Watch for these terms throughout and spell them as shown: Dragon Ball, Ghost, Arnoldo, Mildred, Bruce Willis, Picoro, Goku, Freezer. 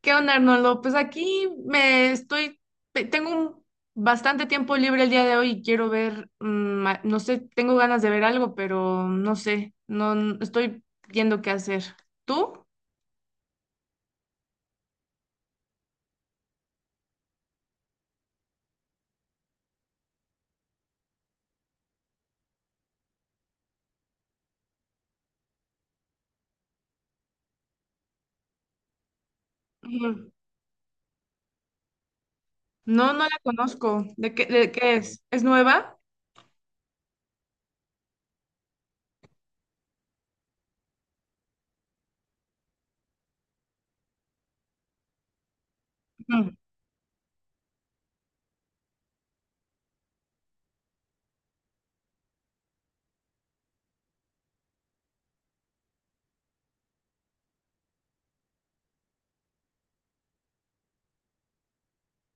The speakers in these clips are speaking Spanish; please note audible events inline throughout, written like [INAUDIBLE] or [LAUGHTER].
¿Qué onda, Arnoldo? Pues aquí me estoy, tengo bastante tiempo libre el día de hoy y quiero ver, no sé, tengo ganas de ver algo, pero no sé, no n- estoy viendo qué hacer. ¿Tú? Ujú. No, no la conozco. De qué es? ¿Es nueva? Ujú.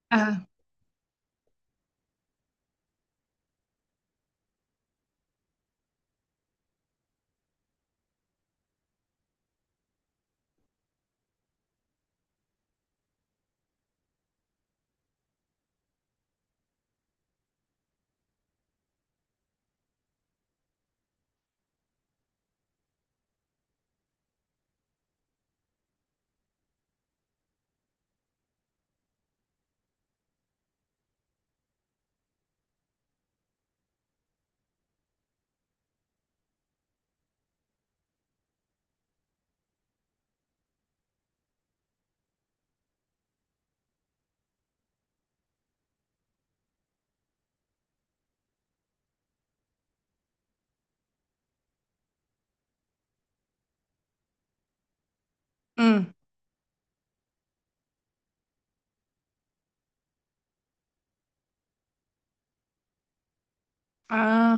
Ajá. Mm. Ah,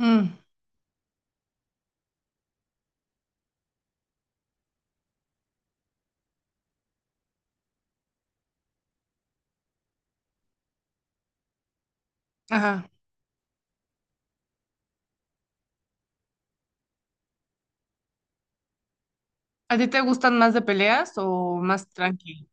mm. Ajá. ¿A ti te gustan más de peleas o más tranqui?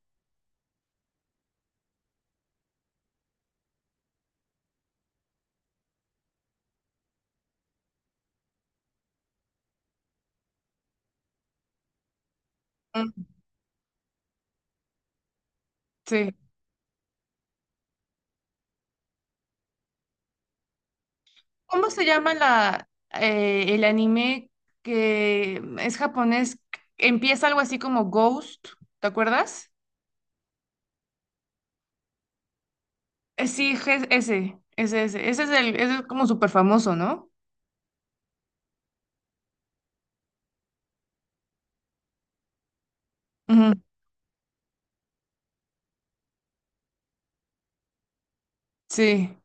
Mm. Sí. ¿Cómo se llama la, el anime que es japonés? Empieza algo así como Ghost, ¿te acuerdas? Sí, ese es el, ese es como súper famoso, ¿no? Ujú, sí.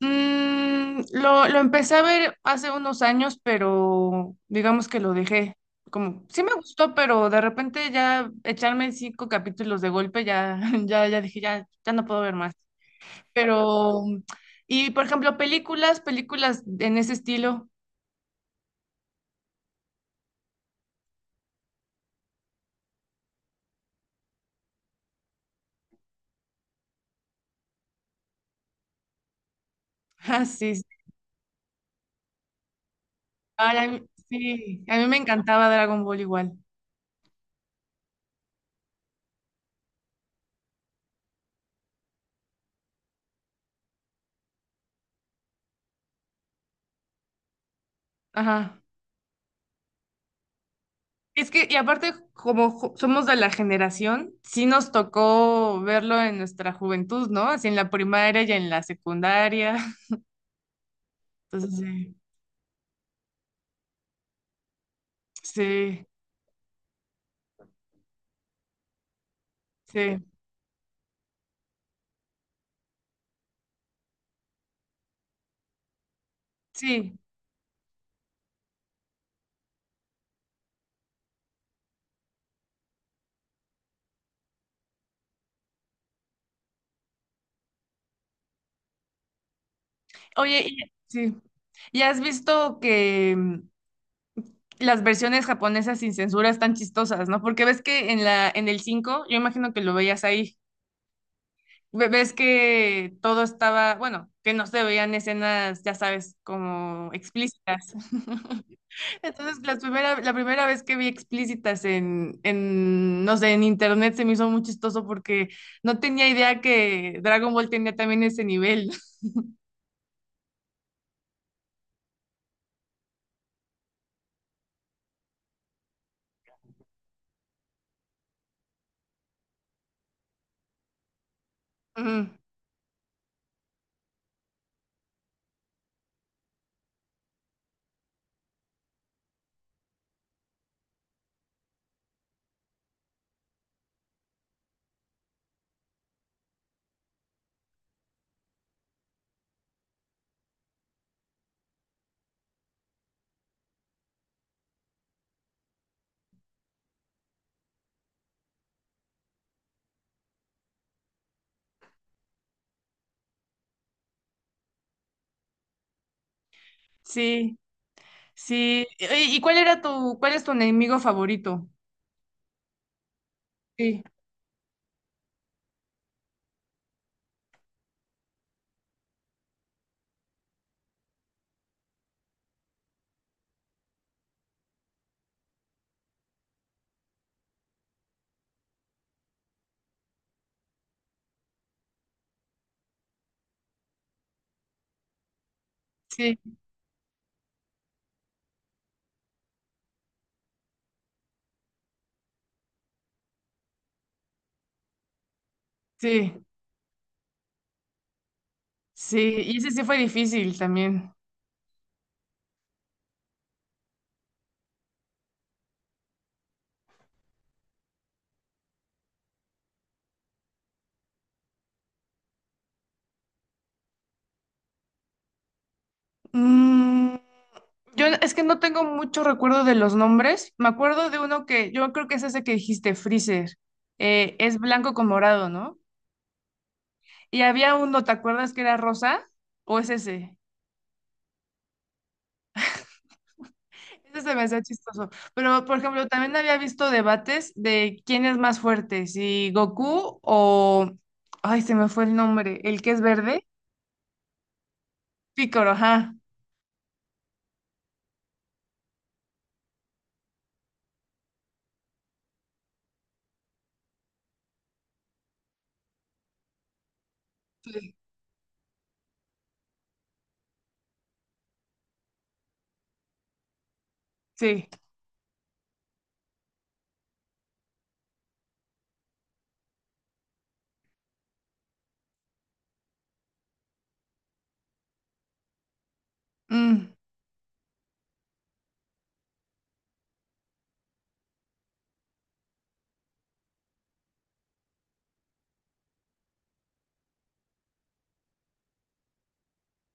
Lo empecé a ver hace unos años, pero digamos que lo dejé. Como, sí me gustó, pero de repente ya echarme cinco capítulos de golpe, ya, [LAUGHS] ya, ya dije, ya, ya no puedo ver más. Pero, y por ejemplo, películas, películas en ese estilo. [LAUGHS] Ah, sí, sí. Ay, a mí, sí, a mí me encantaba Dragon Ball igual. Ajá. Es que, y aparte, somos de la generación, sí nos tocó verlo en nuestra juventud, ¿no? Así en la primaria y en la secundaria. [LAUGHS] Entonces, sí, sí, sí, sí. Oye, sí. ¿Y has visto que las versiones japonesas sin censura están chistosas, ¿no? Porque ves que en la, en el 5, yo imagino que lo veías ahí, ves que todo estaba, bueno, que no se veían escenas, ya sabes, como explícitas. [LAUGHS] Entonces, la primera vez que vi explícitas en, no sé, en internet se me hizo muy chistoso porque no tenía idea que Dragon Ball tenía también ese nivel. [LAUGHS] Ujú. Sí, sí. Y cuál era tu, cuál es tu enemigo favorito? Sí, sí, sí. Sí, y ese sí fue difícil también. Mm, yo es que no tengo mucho recuerdo de los nombres. Me acuerdo de uno que yo creo que es ese que dijiste, Freezer. Es blanco con morado, ¿no? Y había uno, ¿te acuerdas que era rosa? ¿O es ese? Ese se me hacía chistoso. Pero, por ejemplo, también había visto debates de quién es más fuerte, si Goku o... Ay, se me fue el nombre. ¿El que es verde? Picoro, ajá. Sí. Sí. Mm,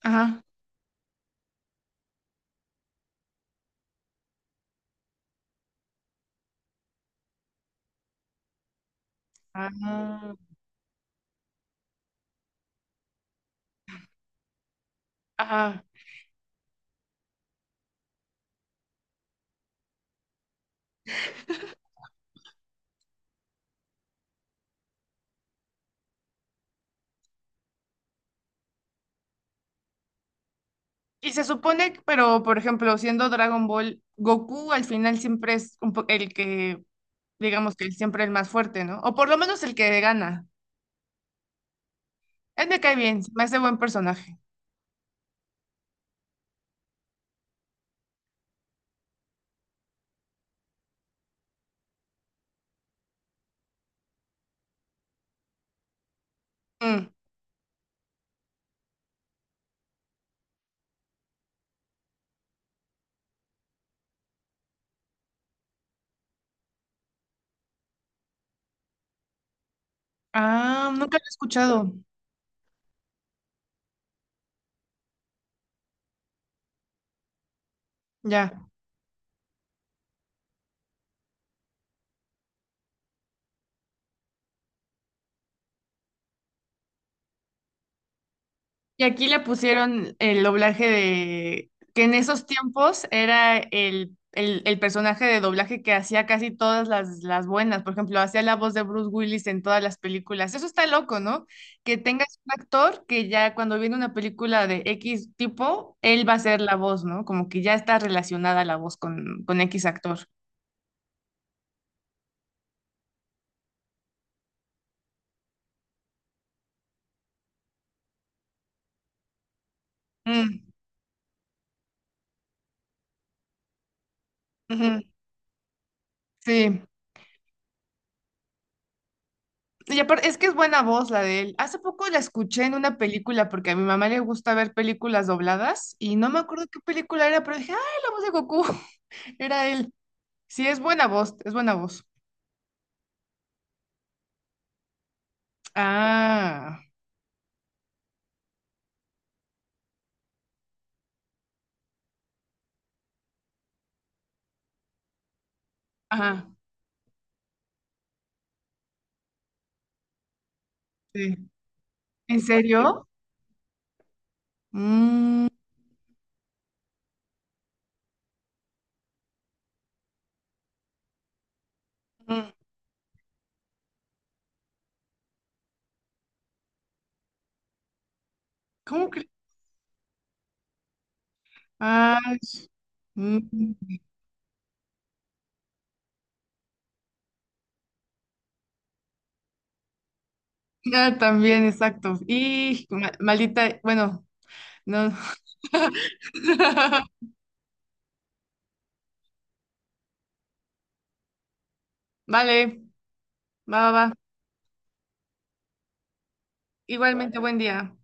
ajá, ajá, ajá. Y se supone, pero por ejemplo, siendo Dragon Ball, Goku al final siempre es el que, digamos que siempre el más fuerte, ¿no? O por lo menos el que gana. Él me cae bien, se me hace buen personaje. Mm. Ah, nunca lo he escuchado. Ya. Y aquí le pusieron el doblaje de, que en esos tiempos era el personaje de doblaje que hacía casi todas las buenas. Por ejemplo, hacía la voz de Bruce Willis en todas las películas. Eso está loco, ¿no? Que tengas un actor que ya cuando viene una película de X tipo, él va a ser la voz, ¿no? Como que ya está relacionada la voz con X actor. Mm, ujú, sí. Y aparte, es que es buena voz la de él. Hace poco la escuché en una película porque a mi mamá le gusta ver películas dobladas y no me acuerdo qué película era, pero dije, ¡ay, la voz de Goku! [LAUGHS] Era él. Sí, es buena voz, es buena voz. Ah, ajá, sí. ¿En serio? Mm, ¿cómo que? Ay, mm, ah, también, exacto. Y maldita, bueno, no. [LAUGHS] Vale, va, va, va. Igualmente, buen día.